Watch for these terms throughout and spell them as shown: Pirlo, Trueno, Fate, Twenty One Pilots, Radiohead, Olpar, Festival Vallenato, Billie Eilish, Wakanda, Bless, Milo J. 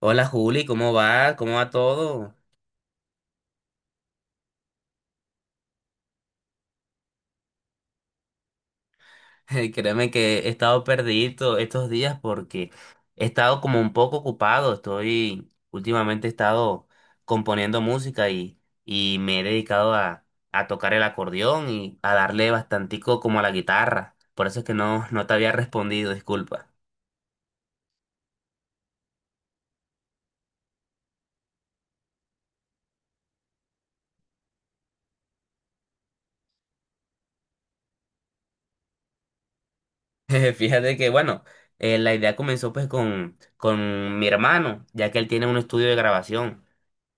Hola Juli, ¿cómo va? ¿Cómo va todo? Créeme que he estado perdido estos días porque he estado como un poco ocupado. Últimamente he estado componiendo música y me he dedicado a tocar el acordeón y a darle bastantico como a la guitarra. Por eso es que no te había respondido, disculpa. Fíjate que, bueno, la idea comenzó pues con mi hermano, ya que él tiene un estudio de grabación.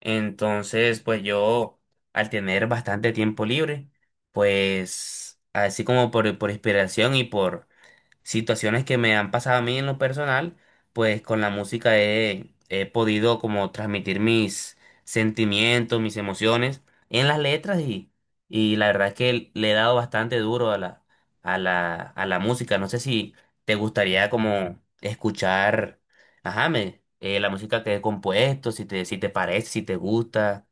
Entonces, pues yo, al tener bastante tiempo libre, pues así como por inspiración y situaciones que me han pasado a mí en lo personal, pues con la música he podido como transmitir mis sentimientos, mis emociones en las letras y la verdad es que le he dado bastante duro a la, a la música. No sé si te gustaría como escuchar, ajá, la música que he compuesto, si te parece, si te gusta.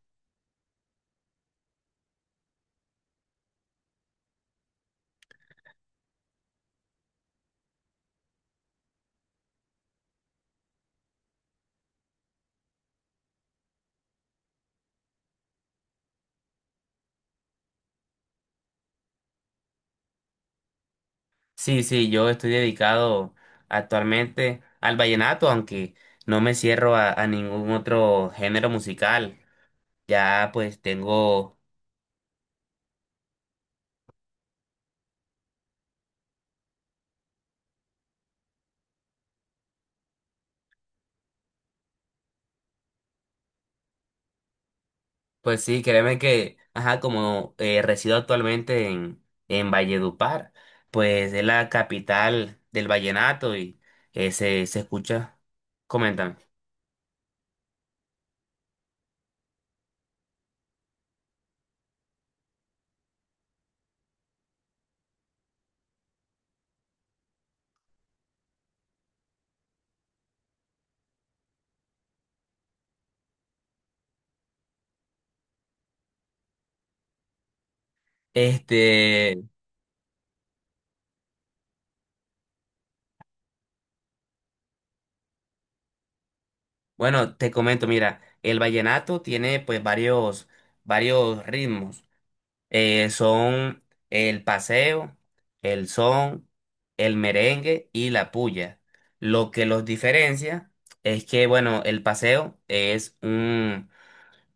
Sí, sí, yo estoy dedicado actualmente al vallenato, aunque no me cierro a ningún otro género musical. Ya pues tengo, pues sí, créeme que, ajá, como resido actualmente en, Valledupar, pues es la capital del vallenato y se escucha. Coméntame. Este, bueno, te comento, mira, el vallenato tiene pues varios, ritmos. Son el paseo, el son, el merengue y la puya. Lo que los diferencia es que, bueno, el paseo es un,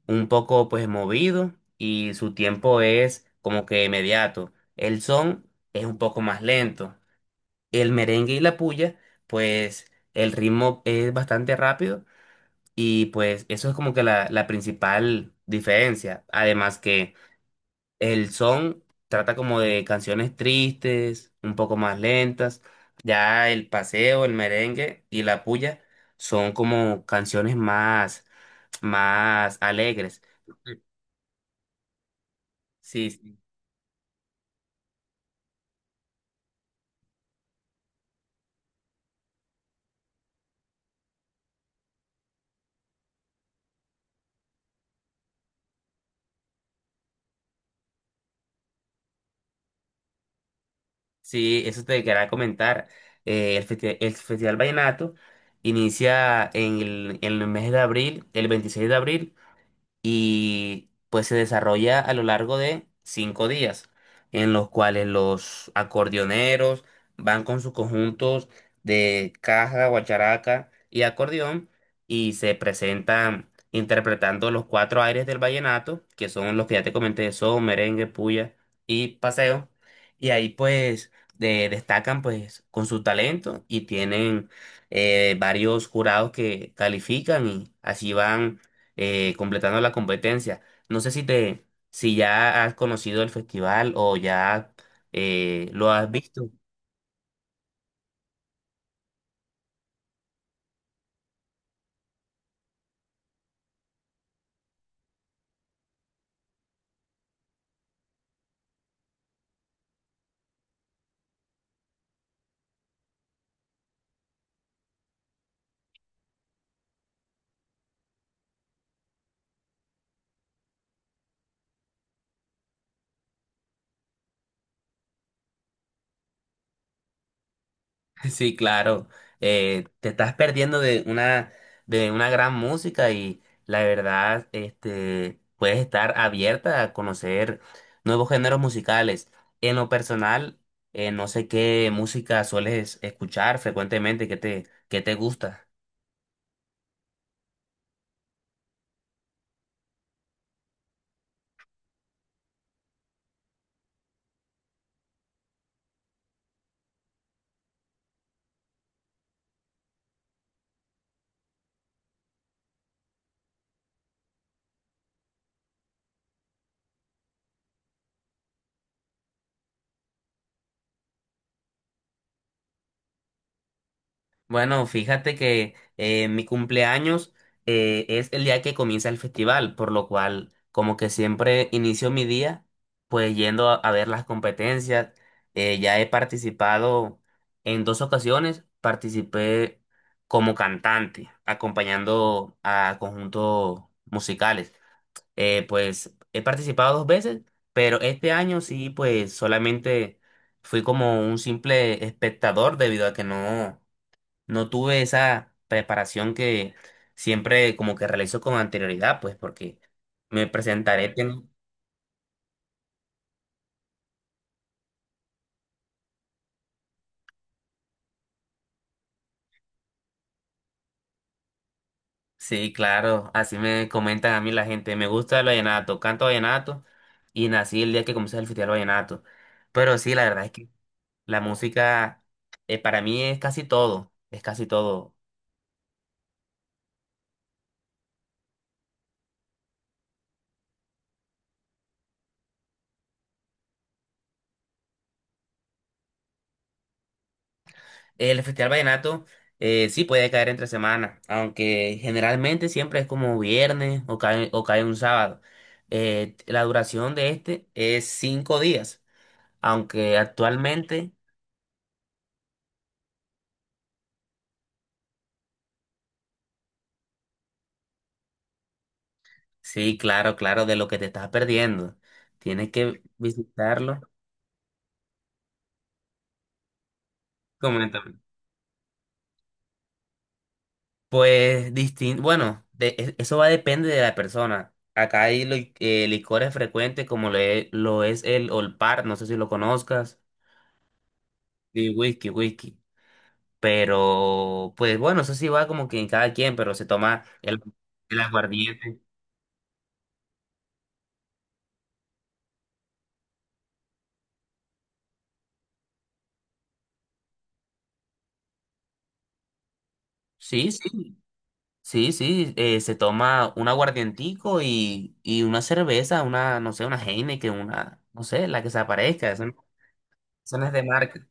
un poco pues movido y su tiempo es como que inmediato. El son es un poco más lento. El merengue y la puya, pues el ritmo es bastante rápido y pues eso es como que la principal diferencia. Además que el son trata como de canciones tristes, un poco más lentas. Ya el paseo, el merengue y la puya son como canciones más, más alegres. Sí, sí, sí, eso te quería comentar. El Festival Vallenato inicia en el mes de abril, el 26 de abril, y pues se desarrolla a lo largo de 5 días, en los cuales los acordeoneros van con sus conjuntos de caja, guacharaca y acordeón y se presentan interpretando los cuatro aires del vallenato, que son los que ya te comenté, son merengue, puya y paseo, y ahí pues destacan pues con su talento y tienen varios jurados que califican y así van completando la competencia. No sé si ya has conocido el festival o ya lo has visto. Sí, claro. Te estás perdiendo de una gran música y la verdad, este, puedes estar abierta a conocer nuevos géneros musicales. En lo personal, no sé qué música sueles escuchar frecuentemente, qué te gusta. Bueno, fíjate que mi cumpleaños es el día que comienza el festival, por lo cual como que siempre inicio mi día pues yendo a ver las competencias. Ya he participado en dos ocasiones, participé como cantante, acompañando a conjuntos musicales. Pues he participado dos veces, pero este año sí, pues solamente fui como un simple espectador debido a que no tuve esa preparación que siempre como que realizo con anterioridad, pues porque me presentaré. Sí, claro, así me comentan a mí la gente. Me gusta el vallenato, canto vallenato y nací el día que comenzó el Festival Vallenato. Pero sí, la verdad es que la música para mí es casi todo, es casi todo. El Festival Vallenato sí puede caer entre semana, aunque generalmente siempre es como viernes o cae, un sábado. La duración de este es 5 días, aunque actualmente, sí, claro, claro, de lo que te estás perdiendo. Tienes que visitarlo. Coméntame. Pues distinto, bueno, eso va a depender de la persona. Acá hay licores frecuentes como lo es, el Olpar, no sé si lo conozcas, y whisky, whisky. Pero, pues bueno, eso sí va como que en cada quien, pero se toma el aguardiente. Sí, sí, sí, sí, se toma un aguardientico y una cerveza, una, no sé, una Heineken, una, no sé, la que se aparezca, eso no es de marca.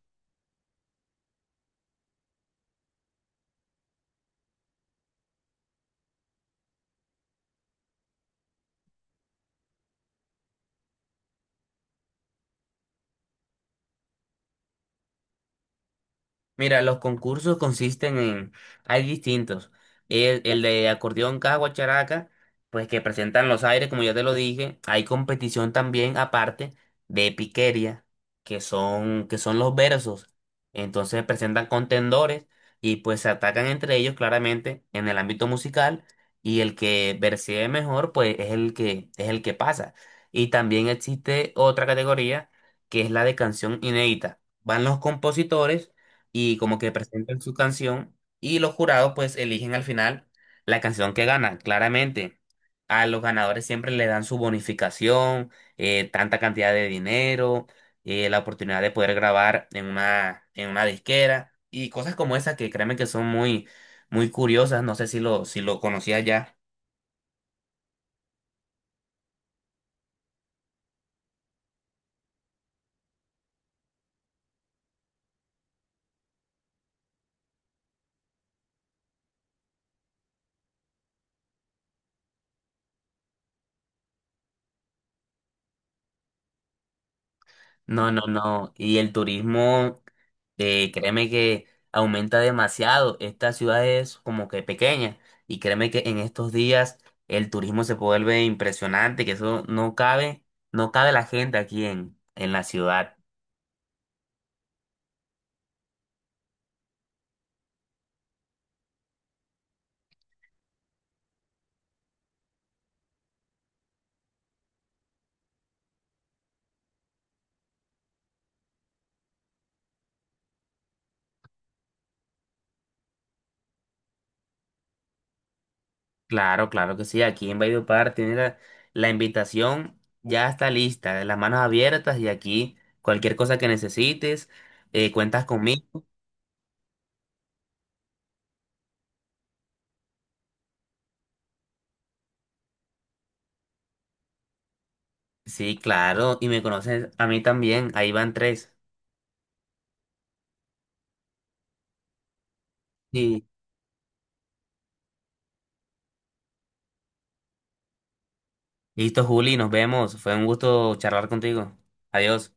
Mira, los concursos hay distintos. El de acordeón caja guacharaca, pues que presentan los aires, como ya te lo dije. Hay competición también aparte de piquería, que son los versos. Entonces presentan contendores y pues se atacan entre ellos claramente en el ámbito musical y el que versee mejor, pues es el que, pasa. Y también existe otra categoría que es la de canción inédita. Van los compositores y como que presentan su canción y los jurados pues eligen al final la canción que gana, claramente. A los ganadores siempre le dan su bonificación, tanta cantidad de dinero, la oportunidad de poder grabar en una disquera y cosas como esas que créeme que son muy, muy curiosas. No sé si lo conocía ya. No, no, no. Y el turismo, créeme que aumenta demasiado. Esta ciudad es como que pequeña. Y créeme que en estos días el turismo se vuelve impresionante, que eso no cabe, no cabe la gente aquí en, la ciudad. Claro, claro que sí. Aquí en Valledupar tiene la invitación, ya está lista, las manos abiertas y aquí cualquier cosa que necesites, cuentas conmigo. Sí, claro. Y me conoces a mí también. Ahí van tres. Sí. Listo, Juli, nos vemos. Fue un gusto charlar contigo. Adiós.